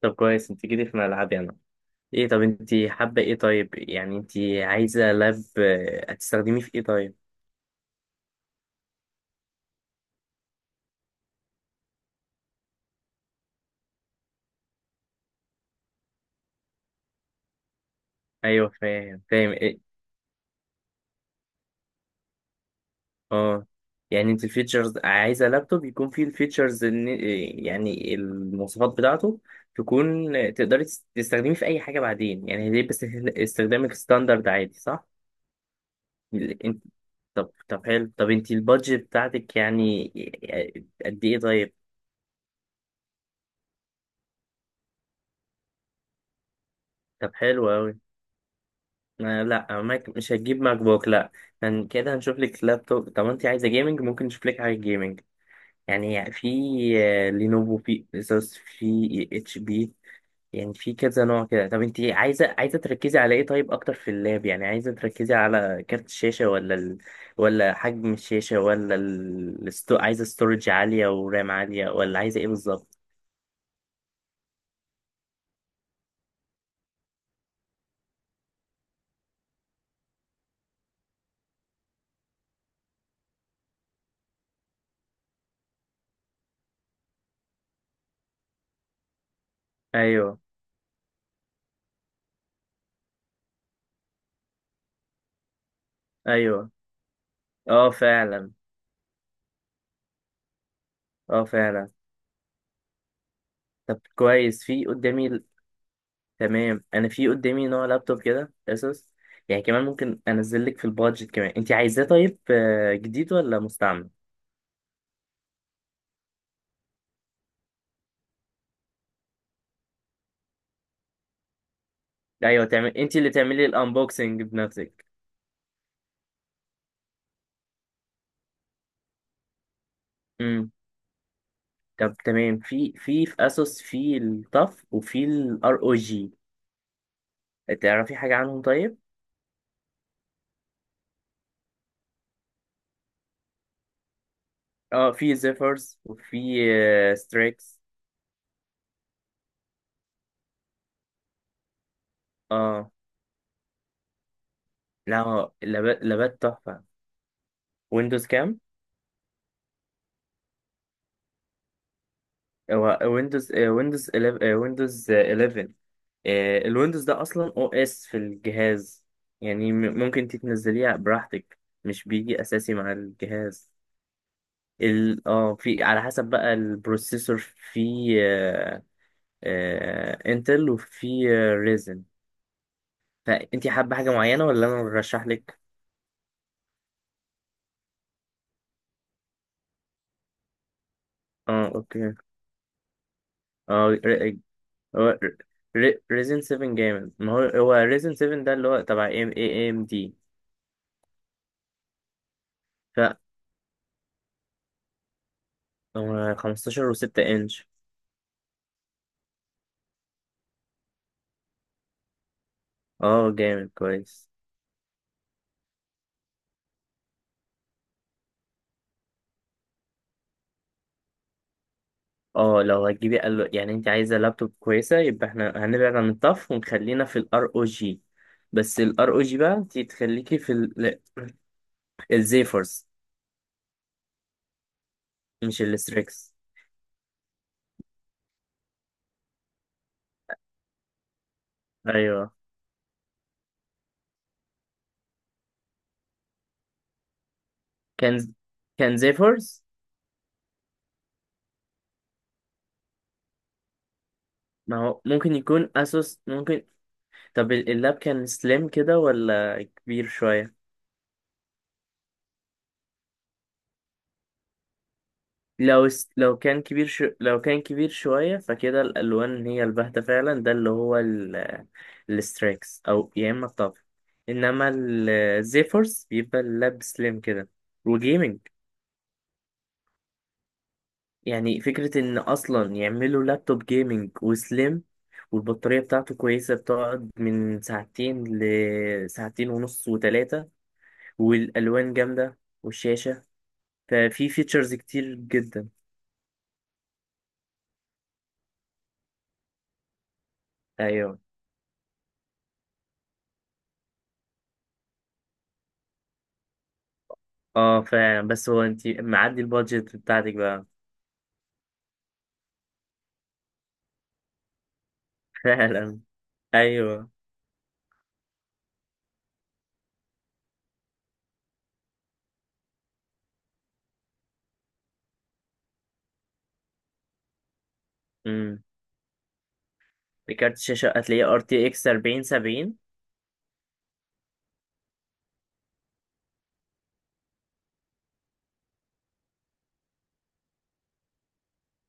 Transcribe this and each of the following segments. طب كويس، انت جيتي في ملعبي انا. ايه؟ طب انت حابة ايه؟ طيب يعني انت عايزة لاب، هتستخدميه في ايه طيب؟ ايوه، فاهم فاهم. ايه؟ اه، يعني انت الفيتشرز، عايزة لابتوب يكون فيه الفيتشرز، ان إيه، يعني المواصفات بتاعته تكون تقدري تستخدميه في اي حاجة بعدين. يعني ليه؟ بس استخدامك ستاندرد عادي صح؟ ال انت... طب حلو. طب انت البادجت بتاعتك يعني قد ايه طيب؟ طب حلو أوي. ما لا، ماك مش هتجيب ماك بوك لا. كان كده هنشوف لك لابتوب. طب انت عايزه جيمنج؟ ممكن نشوف لك حاجه جيمنج، يعني في لينوفو، في اسوس، في اتش بي، يعني في كذا نوع كده. طب انت عايزه تركزي على ايه طيب اكتر في اللاب؟ يعني عايزه تركزي على كارت الشاشه، ولا ولا حجم الشاشه، ولا عايزه ستورج عاليه ورام عاليه، ولا عايزه ايه بالظبط؟ ايوه، ايوه. اه فعلا، اه فعلا. طب كويس، في قدامي. تمام، انا في قدامي نوع لابتوب كده اسوس، يعني كمان ممكن انزل لك في البادجت كمان انت عايزاه. طيب جديد ولا مستعمل؟ ايوه، تعمل انت اللي تعملي الانبوكسنج بنفسك. امم. طب تمام، في اسوس في الطف، وفي الار او جي. تعرفي حاجه عنهم طيب؟ اه، في زيفرز وفي ستريكس. اه، لا هو لابات لابات تحفه. ويندوز كام؟ هو ويندوز ويندوز 11، الويندوز ده اصلا او اس في الجهاز، يعني ممكن تتنزليه براحتك. مش بيجي اساسي مع الجهاز. ال اه في على حسب بقى البروسيسور، في انتل وفي ريزن. فانت حابه حاجه معينه ولا انا ارشح لك؟ اه، اوكي. اه، هو ريزن 7 جامد. ما هو ريزن 7 ده اللي هو تبع ام اي ام دي. هو 15 و6 انش. اه، جامد كويس. اه، لو هتجيبي قال يعني انت عايزه لابتوب كويسه، يبقى احنا هنبعد عن الطف ونخلينا في الار او جي. بس الار او جي بقى انت تخليكي في الزيفورس، مش الستريكس. ايوه، كان كان زيفورس. ما هو ممكن يكون اسوس، ممكن. طب اللاب كان سليم كده ولا كبير شويه؟ لو كان لو كان كبير شوية، فكده الألوان هي الباهتة فعلا. ده اللي هو الستريكس أو يا إما الطف. إنما الزيفورس بيبقى اللاب سليم كده وجيمنج. يعني فكرة إن أصلا يعملوا لابتوب جيمنج وسليم، والبطارية بتاعته كويسة، بتقعد من ساعتين لساعتين ونص وتلاتة، والألوان جامدة والشاشة، ففي فيتشرز كتير جدا. أيوه، اه فعلا. بس هو انت معدي البادجت بتاعتك بقى. فعلا، ايوه. امم، كارت الشاشه هتلاقيه ار تي اكس 40 70.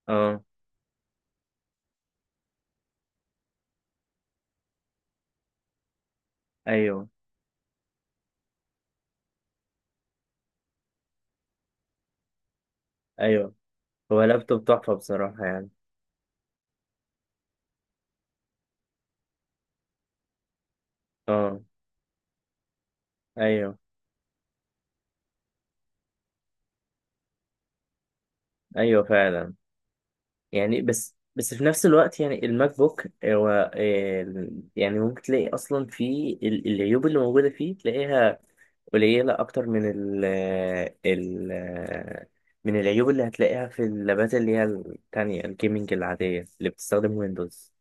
اه، ايوه، ايوه. هو لابتوب تحفه بصراحه، يعني. اه. ايوه، ايوه، فعلا، يعني. بس في نفس الوقت يعني الماك بوك هو آه، يعني ممكن تلاقي اصلا في العيوب اللي موجوده فيه، تلاقيها قليلة أكتر من ال من العيوب اللي هتلاقيها في اللابات اللي هي التانية الجيمنج العادية اللي بتستخدم ويندوز.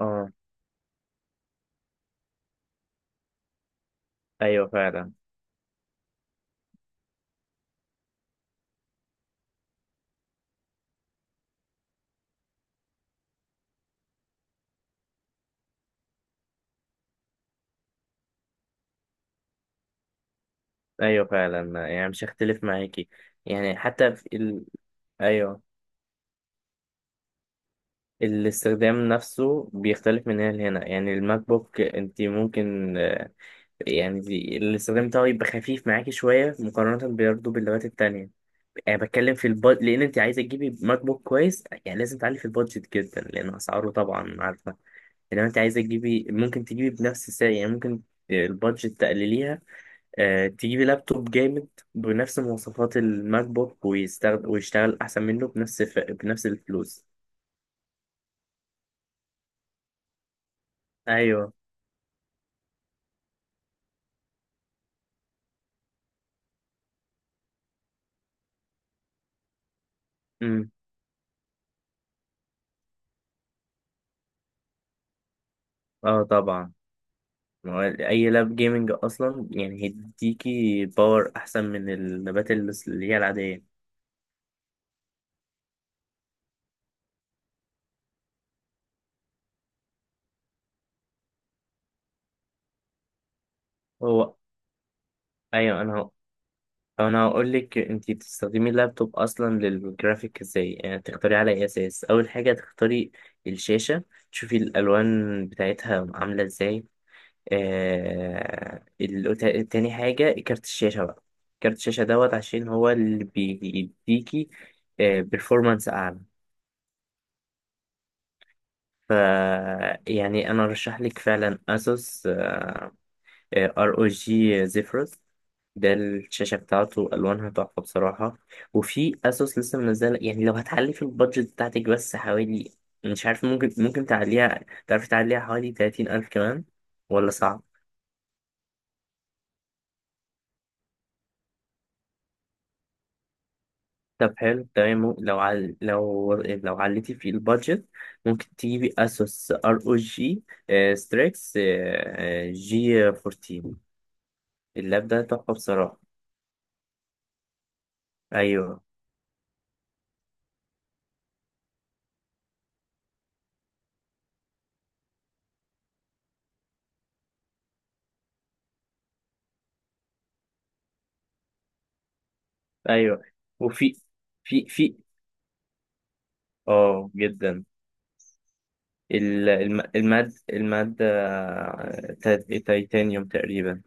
اه، أيوه فعلا. أيوه فعلا، يعني مش هختلف معاكي. يعني حتى في أيوه. الاستخدام نفسه بيختلف من هنا لهنا. يعني الماك بوك انت ممكن، يعني الاستخدام بتاعه يبقى خفيف معاكي شوية مقارنة برضه باللابات التانية. يعني بتكلم في البادجت، لان انت عايزه تجيبي ماك بوك كويس يعني لازم تعلي في البادجت جدا، لان اسعاره طبعا عارفه. انما انت عايزه تجيبي، ممكن تجيبي بنفس السعر. يعني ممكن البادجت تقلليها، آه تجيبي لابتوب جامد بنفس مواصفات الماك بوك، ويستخدم ويشتغل احسن منه بنفس الفلوس. ايوه. امم. اه، طبعا. ما هو اي لاب جيمنج اصلا يعني هيديكي باور احسن من اللابات اللي هي العاديه. هو، ايوه، انا هقول لك. انت بتستخدمي اللابتوب اصلا للجرافيك ازاي، يعني تختاري على اي اساس؟ اول حاجه تختاري الشاشه، تشوفي الالوان بتاعتها عامله ازاي. تاني حاجه كارت الشاشه بقى. كارت الشاشه دوت، عشان هو اللي بيديكي performance اعلى. ف يعني انا ارشح لك فعلا اسوس ار او جي زيفرس. ده الشاشة بتاعته ألوانها تحفة بصراحة. وفي أسوس لسه منزلة، يعني لو هتعلي في البادجت بتاعتك بس حوالي، مش عارف، ممكن تعليها، تعرفي تعليها حوالي 30,000 كمان، ولا صعب؟ طب حلو تمام. لو عليتي في البادجت، ممكن تجيبي أسوس ار او جي ستريكس جي 14. اللاب ده تحفة بصراحة. أيوه. أيوه، وفي، في اه جدا. المادة تا- تيتانيوم تقريبا.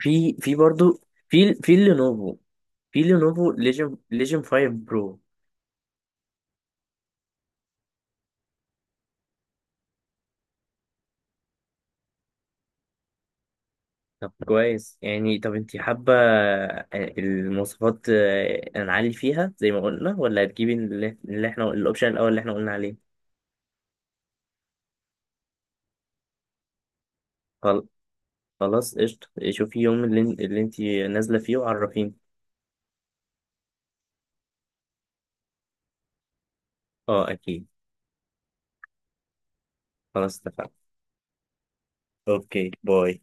في في برضو. في لينوفو، في لينوفو ليجن، ليجن 5 برو. طب كويس. يعني طب انت حابة المواصفات هنعلي فيها زي ما قلنا، ولا هتجيبي اللي احنا الاوبشن الاول اللي احنا قلنا عليه؟ خل- خلاص، قشطة. شوفي يوم اللي انت نازلة فيه وعرفيني. اه، اكيد. خلاص، اتفقنا. اوكي، باي.